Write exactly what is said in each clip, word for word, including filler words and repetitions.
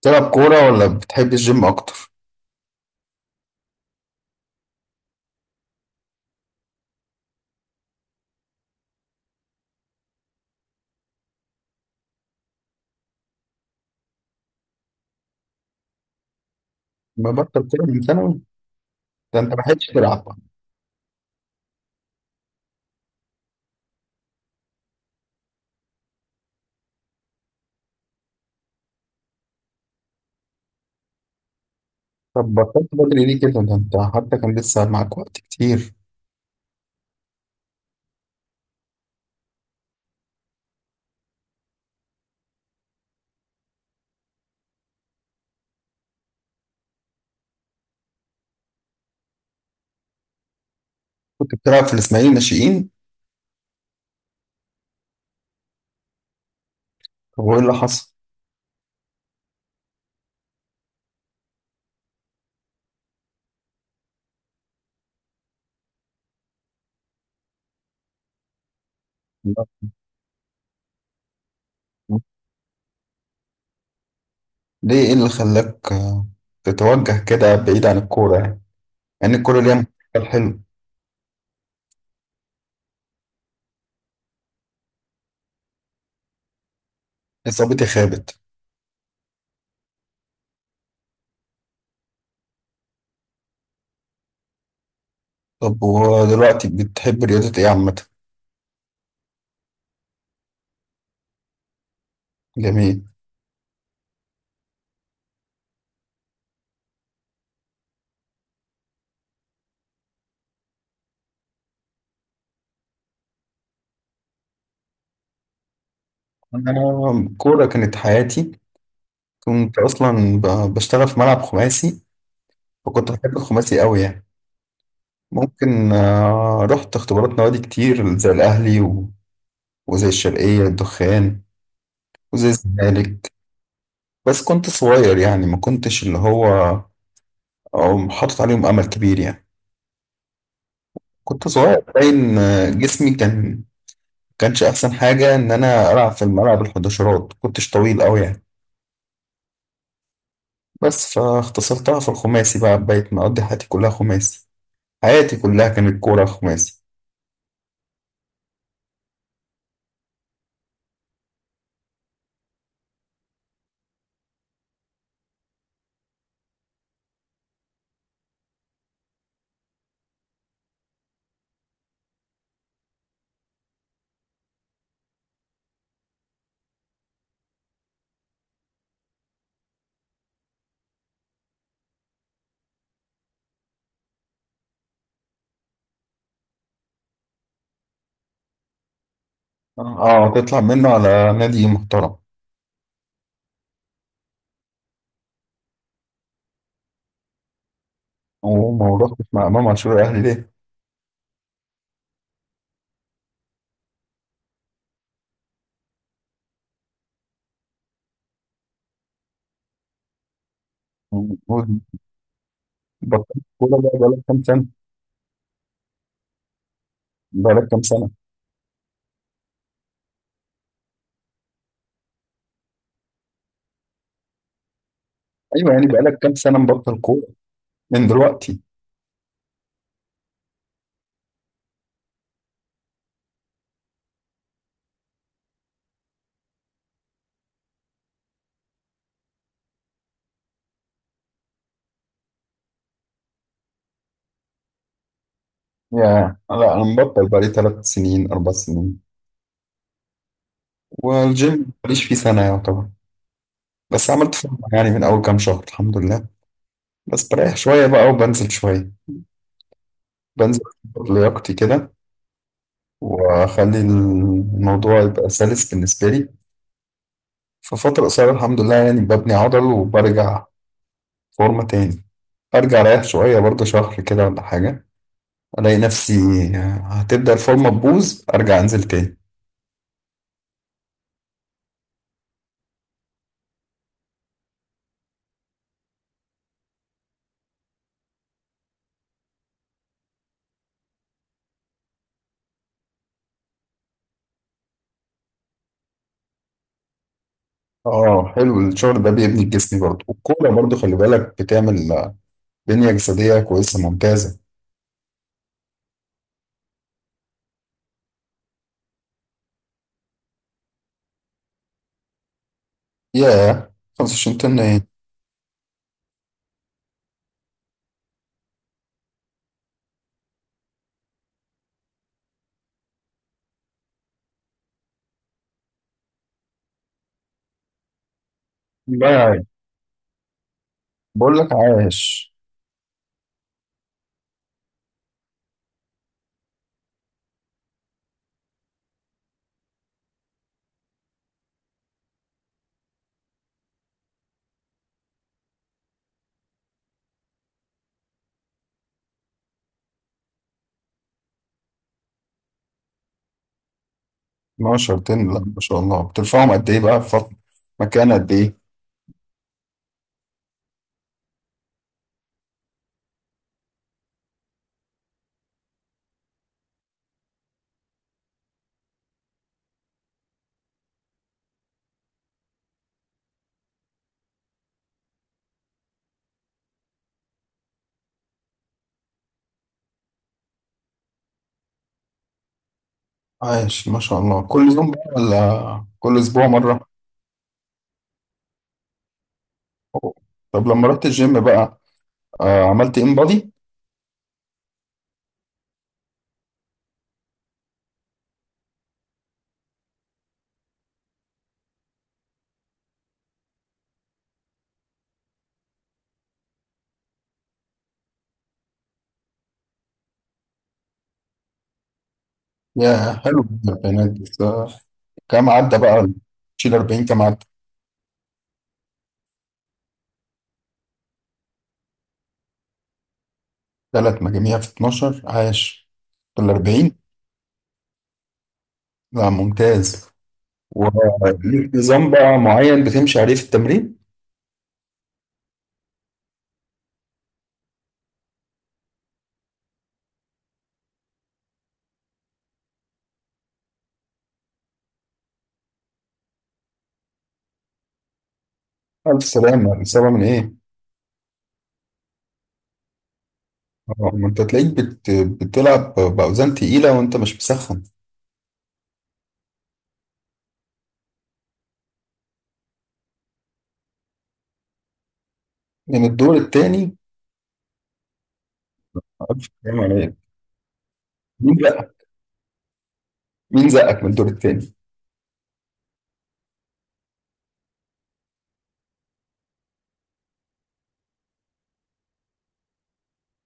بتلعب كورة ولا بتحب الجيم أكتر؟ ببطل كورة من ثانوي. ده أنت ما لحقتش تلعب. طب بطلت بدري ليه كده؟ ده أنت حتى كان لسه معاك وقت كتير. كنت بتلعب في الإسماعيلي ناشئين. طب وإيه اللي حصل؟ لا. ليه إيه اللي خلاك آه، تتوجه كده بعيد عن الكورة يعني؟ يعني الكورة ليها مستقبل حلو. إصابتي خابت. طب ودلوقتي بتحب رياضة إيه عامة؟ جميل. أنا الكورة كانت حياتي. كنت أصلا ب- بشتغل في ملعب خماسي. فكنت بحب الخماسي أوي يعني. ممكن آه، رحت اختبارات نوادي كتير زي الأهلي و- وزي الشرقية الدخان وزي الزمالك. بس كنت صغير يعني ما كنتش اللي هو أو حاطط عليهم أمل كبير يعني. كنت صغير باين آه، جسمي كان كانش أحسن حاجة إن أنا ألعب في الملعب الحداشرات، كنتش طويل أوي يعني. بس فاختصرتها في الخماسي بقى، بقيت مقضي حياتي كلها خماسي. حياتي كلها كانت كورة خماسي. اه آه، تطلع منه على نادي محترم. وما رحتش مع إمام عاشور الأهلي ليه؟ هو بطلت كورة بقى بقالك كام سنة؟ بقالك كام سنة؟ أيوه يعني بقالك كام سنة مبطل كورة من دلوقتي؟ يا لا، أنا مبطل بقالي ثلاث سنين أربع سنين. والجيم ماليش فيه سنة يعتبر. بس عملت فورمة يعني من أول كام شهر الحمد لله. بس بريح شوية بقى وبنزل شوية. بنزل، أظبط لياقتي كده، وأخلي الموضوع يبقى سلس بالنسبة لي. في فترة قصيرة الحمد لله يعني ببني عضل وبرجع فورمة تاني. أرجع أريح شوية برضه شهر كده ولا حاجة، الاقي نفسي هتبدأ الفورمة تبوظ، ارجع انزل تاني. اه حلو الشغل ده بيبني الجسم برضه، والكورة برضه خلي بالك بتعمل آه، بنية جسدية كويسة ممتازة. ياه، خمسة وعشرين طن ايه. لا يا عيني. بقول لك عايش. اثنا عشر طن لا ما شاء الله بترفعهم قد ايه بقى في فترة- مكان قد ايه. عايش ما شاء الله، كل يوم بقى ولا كل اسبوع مرة؟ أوه. طب لما رحت الجيم بقى آه، عملت ان بودي. ياه حلو البنات، كام عدى بقى شيل أربعين كام عدى. ثلاث مجاميع في اتناشر عاش، في ال أربعين. لا ممتاز. وليك نظام بقى معين بتمشي عليه في التمرين؟ ألف سلامة، الإصابة من إيه؟ آه، ما أنت تلاقيك بت... بتلعب بأوزان تقيلة وأنت مش مسخن. من الدور التاني؟ ألف سلامة عليك. مين بقى؟ مين زقك من الدور التاني؟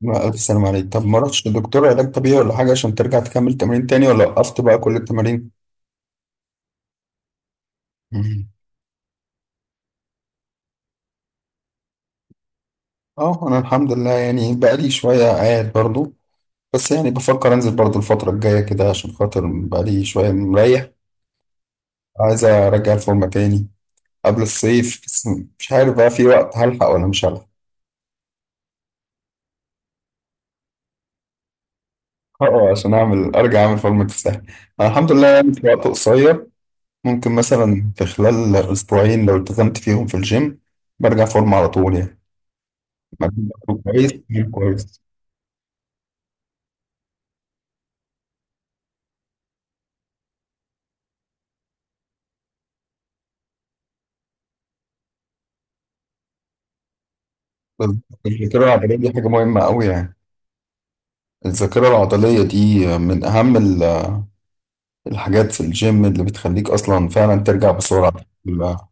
لا، ألف سلامة عليك. طب ما رحتش لدكتور علاج طبيعي ولا حاجة عشان ترجع تكمل تمرين تاني ولا وقفت بقى كل التمارين؟ مم. اه انا الحمد لله يعني بقالي شوية قاعد برضو. بس يعني بفكر انزل برضو الفترة الجاية كده عشان خاطر بقالي شوية مريح. عايز ارجع الفورمة تاني قبل الصيف بس. مش عارف بقى في وقت هلحق ولا مش هلحق. اه اه، عشان اعمل ارجع اعمل فورمة تستاهل. انا الحمد لله يعني في وقت قصير ممكن مثلا في خلال اسبوعين لو التزمت فيهم في الجيم برجع فورمة على طول يعني. مجهود برضو كويس. كويس. بس الذاكرة العضلية دي حاجة مهمة قوي يعني. الذاكرة العضلية دي من أهم الحاجات في الجيم اللي بتخليك اصلا فعلا ترجع بسرعه. لا.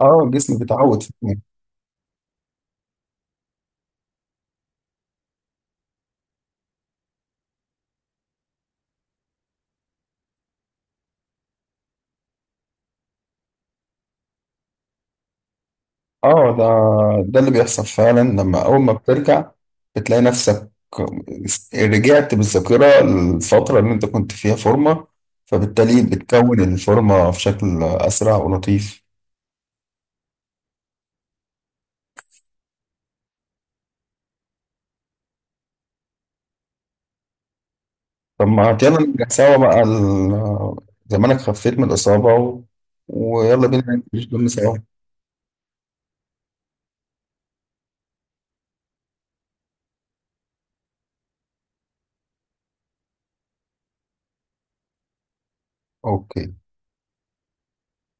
اه الجسم بيتعود. اه ده ده اللي بيحصل فعلا لما اول ما بترجع. بتلاقي نفسك رجعت بالذاكره الفتره اللي انت كنت فيها فورمه. فبالتالي بتكون الفورمه في شكل اسرع ولطيف. طب ما يلا نرجع سوا بقى ال- زمانك خفيت من الاصابه و... ويلا بينا ننزل الجيم سوا. اوكي.